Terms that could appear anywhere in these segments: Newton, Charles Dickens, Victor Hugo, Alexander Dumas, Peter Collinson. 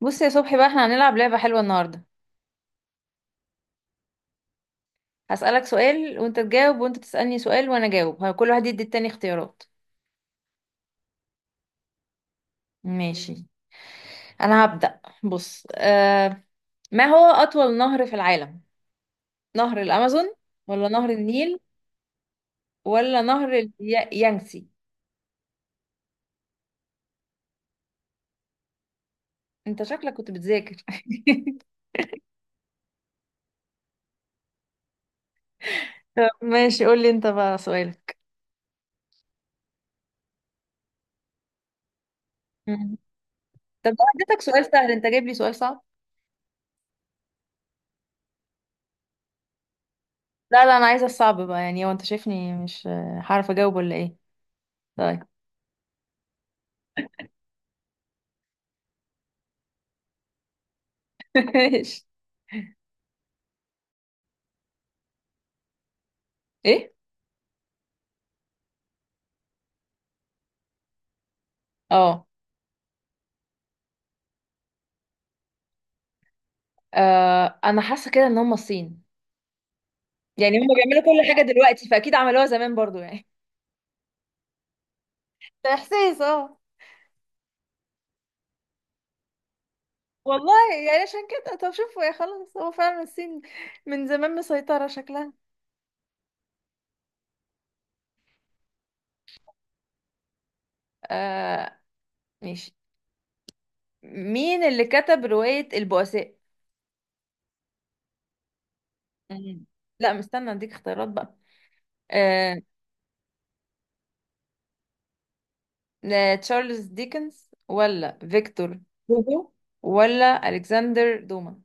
بص يا صبحي بقى، احنا هنلعب لعبة حلوة النهاردة. هسألك سؤال وانت تجاوب، وانت تسألني سؤال وانا اجاوب. كل واحد يدي التاني اختيارات. ماشي. انا هبدأ. بص ما هو أطول نهر في العالم؟ نهر الأمازون، ولا نهر النيل، ولا نهر اليانسي؟ انت شكلك كنت بتذاكر. طب ماشي، قول لي انت بقى سؤالك. مم. طب لو اديتك سؤال سهل انت جايب لي سؤال صعب؟ لا لا، انا عايزة الصعب بقى. يعني هو انت شايفني مش هعرف اجاوب ولا ايه؟ طيب. ماشي. ايه؟ اه. آه، انا حاسه كده ان هم الصين. يعني هم بيعملوا كل حاجه دلوقتي، فاكيد عملوها زمان برضو يعني. ده احساس، اه. والله. يعني عشان كده، طب شوفوا يا خلاص، هو فعلا الصين. من زمان مسيطرة شكلها. آه. ماشي. مين اللي كتب روايه البؤساء؟ مم. لا مستنى اديك اختيارات بقى. آه. آه، تشارلز ديكنز، ولا فيكتور هوجو، ولا الكسندر دوما؟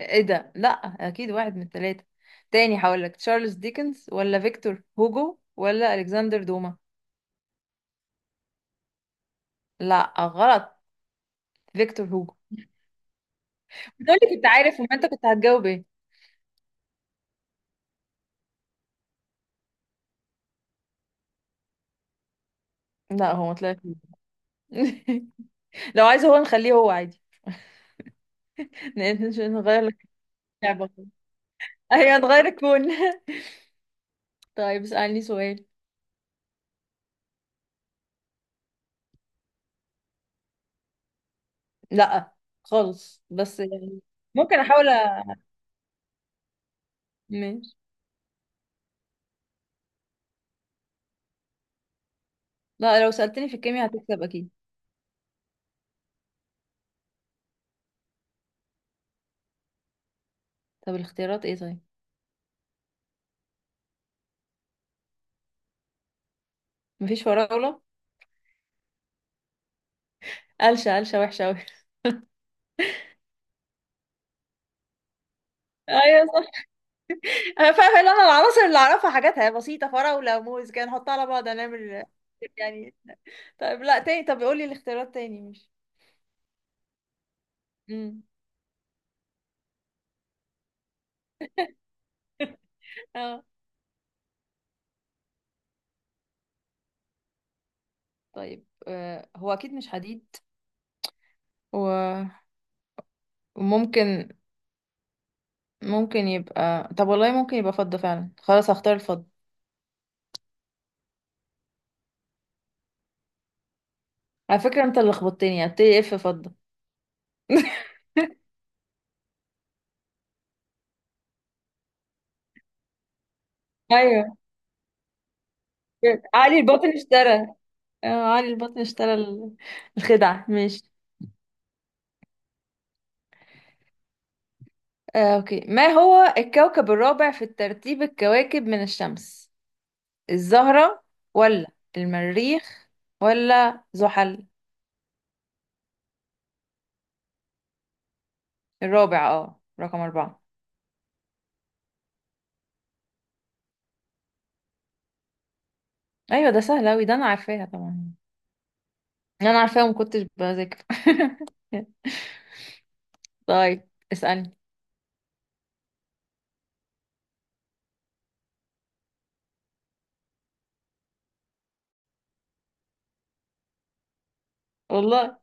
ايه ده، لا. اكيد واحد من الثلاثه. تاني هقولك تشارلز ديكنز، ولا فيكتور هوجو، ولا الكسندر دوما؟ لا غلط. فيكتور هوجو. دول كنت عارف، وما انت كنت هتجاوب ايه؟ لا هو ما طلعش. لو عايز هو نخليه هو عادي. نغير لك اللعبه خالص. ايوه نغير الكون. طيب، اسألني سؤال. لا خالص، بس يعني ممكن احاول ماشي. لا لو سألتني في الكيمياء هتكسب اكيد. طب الاختيارات ايه طيب؟ مفيش فراولة؟ قلشة، قلشة وحشة أوي. ايوه، انا فاهمه. اللي انا العناصر اللي اعرفها حاجاتها بسيطه، فراوله وموز كده نحطها على بعض هنعمل يعني. طيب لا، تاني. طب قولي الاختيارات تاني مش. امم. اه. طيب آه، هو اكيد مش حديد. و- وممكن، ممكن يبقى، طب والله ممكن يبقى فضة فعلا. خلاص هختار الفضة. على فكرة انت اللي خبطتني، هبتدي اف فضة. ايوه، علي الباطن اشترى. آه، علي الباطن اشترى الخدعة. ماشي. آه، اوكي. ما هو الكوكب الرابع في الترتيب، الكواكب من الشمس؟ الزهرة، ولا المريخ، ولا زحل؟ الرابع، اه رقم أربعة. أيوة ده سهل أوي، ده أنا عارفاها طبعا. أنا عارفاها ومكنتش بذاكر. طيب اسألني. والله.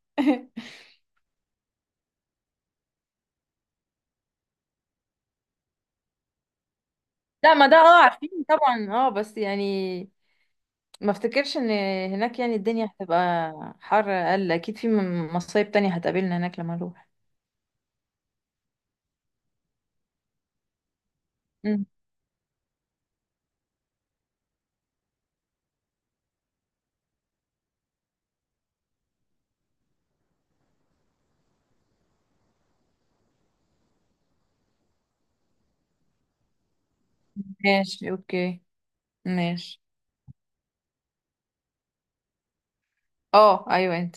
لا ما ده اه عارفين طبعا اه، بس يعني ما افتكرش ان هناك يعني الدنيا هتبقى حر اقل اكيد، في مصايب تانية هتقابلنا هناك لما نروح. مم. ماشي. اوكي. ماشي. اه ايوه انت.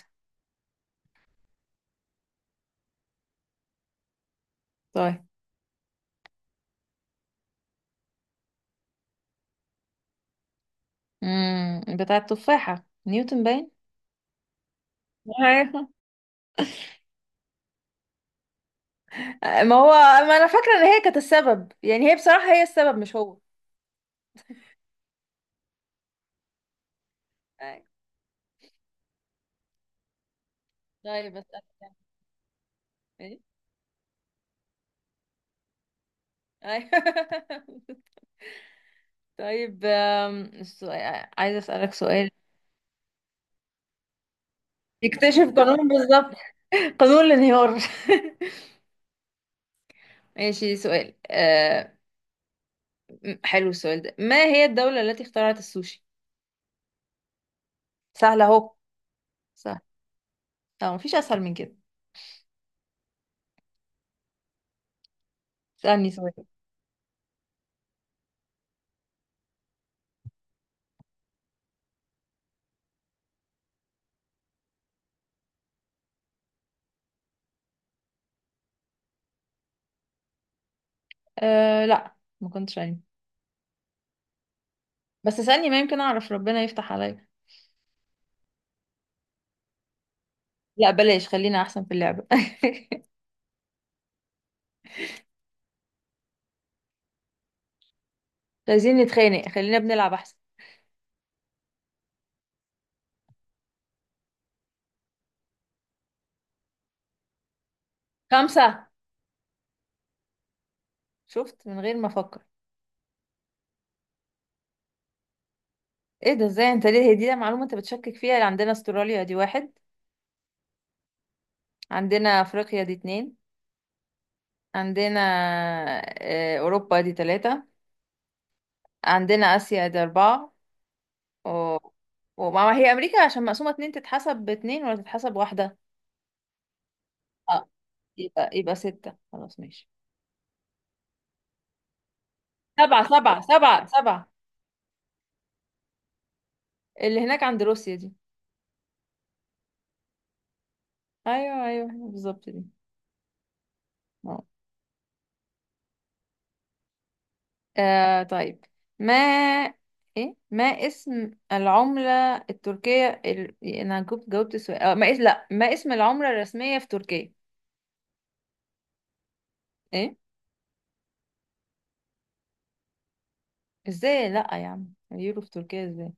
طيب. امم، بتاع التفاحة، نيوتن باين. أيوة. ما هو، ما انا فاكره ان هي كانت السبب يعني، هي بصراحه هي السبب، مش هو. أيوة. طيب بس. ايه؟ أيوة. طيب آم، السؤال، عايزه اسالك سؤال. يكتشف قانون بالظبط، قانون الانهيار. ماشي، سؤال آه حلو السؤال ده. ما هي الدوله التي اخترعت السوشي؟ سهله اهو. سهل. اه مفيش اسهل من كده. اسالني سؤال. آه لا ما كنتش عارف، بس اسالني ما يمكن اعرف، ربنا يفتح عليا. لا بلاش، خلينا احسن في اللعبه. عايزين نتخانق؟ خلينا بنلعب احسن. خمسة. شفت، من غير ما افكر. ايه ده، ازاي؟ انت ليه، هي دي معلومة انت بتشكك فيها؟ عندنا استراليا دي واحد. عندنا افريقيا دي اتنين. عندنا آه، اوروبا دي تلاتة. عندنا اسيا دي اربعة. و... وما ما هي امريكا عشان مقسومة اتنين، تتحسب باتنين ولا تتحسب واحدة؟ اه، يبقى يبقى ستة، خلاص ماشي. سبعة، سبعة، سبعة، سبعة. اللي هناك عند روسيا دي. ايوه ايوه بالظبط دي. آه. آه طيب. ما ايه، ما اسم العملة التركية انا جاوبت، جاوبت السؤال آه. ما اسم، لا ما اسم العملة الرسمية في تركيا؟ ايه؟ ازاي؟ لا يا عم، اليورو في تركيا ازاي؟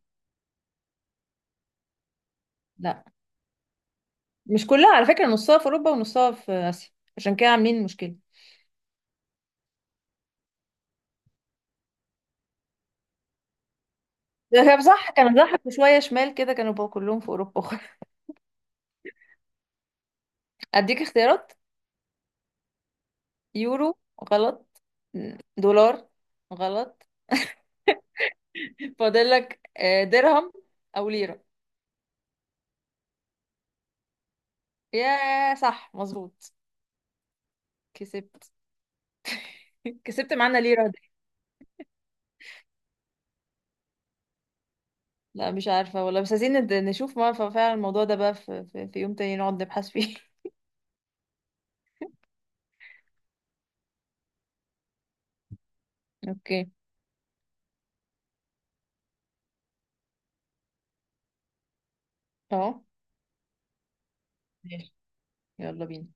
لا مش كلها على فكرة، نصها في اوروبا ونصها في اسيا، عشان كده عاملين مشكلة. ده كان صح، كانوا ضحكوا شوية شمال كده، كانوا بقى كلهم في اوروبا. اديك اختيارات. يورو، غلط. دولار، غلط. فاضل لك آه، درهم او ليرة. يا صح، مظبوط. كسبت. كسبت معانا ليه راضي. لا مش عارفة والله، بس عايزين نشوف ما فعلا الموضوع ده بقى، في يوم تاني نقعد نبحث فيه. اوكي. اهو. ماشي. يلا بينا.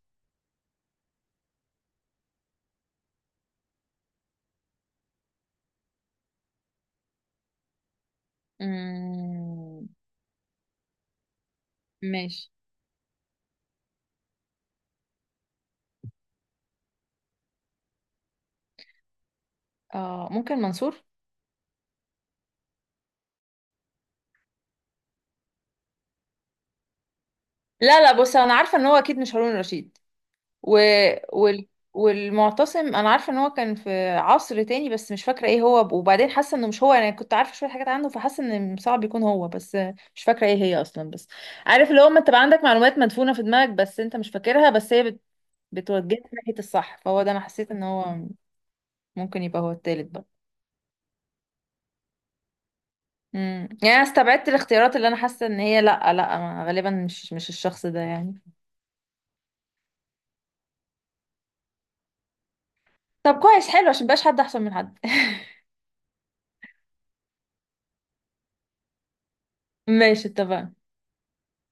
أمم، ماشي. اه ممكن منصور. لا لا بص، انا عارفة ان هو اكيد مش هارون رشيد. و... وال... والمعتصم انا عارفه ان هو كان في عصر تاني، بس مش فاكره ايه هو، وبعدين حاسه انه مش هو، انا كنت عارفه شويه حاجات عنه فحاسه ان صعب يكون هو، بس مش فاكره ايه هي اصلا. بس عارف اللي هو، ما تبقى عندك معلومات مدفونه في دماغك بس انت مش فاكرها، بس هي بتوجهك ناحيه الصح، فهو ده انا حسيت ان هو ممكن يبقى هو التالت بقى. امم، يعني انا استبعدت الاختيارات اللي انا حاسه ان هي لا لا، غالبا مش، مش الشخص ده يعني. طب كويس، حلو، عشان مبقاش حد احسن من حد. ماشي، اتفقنا.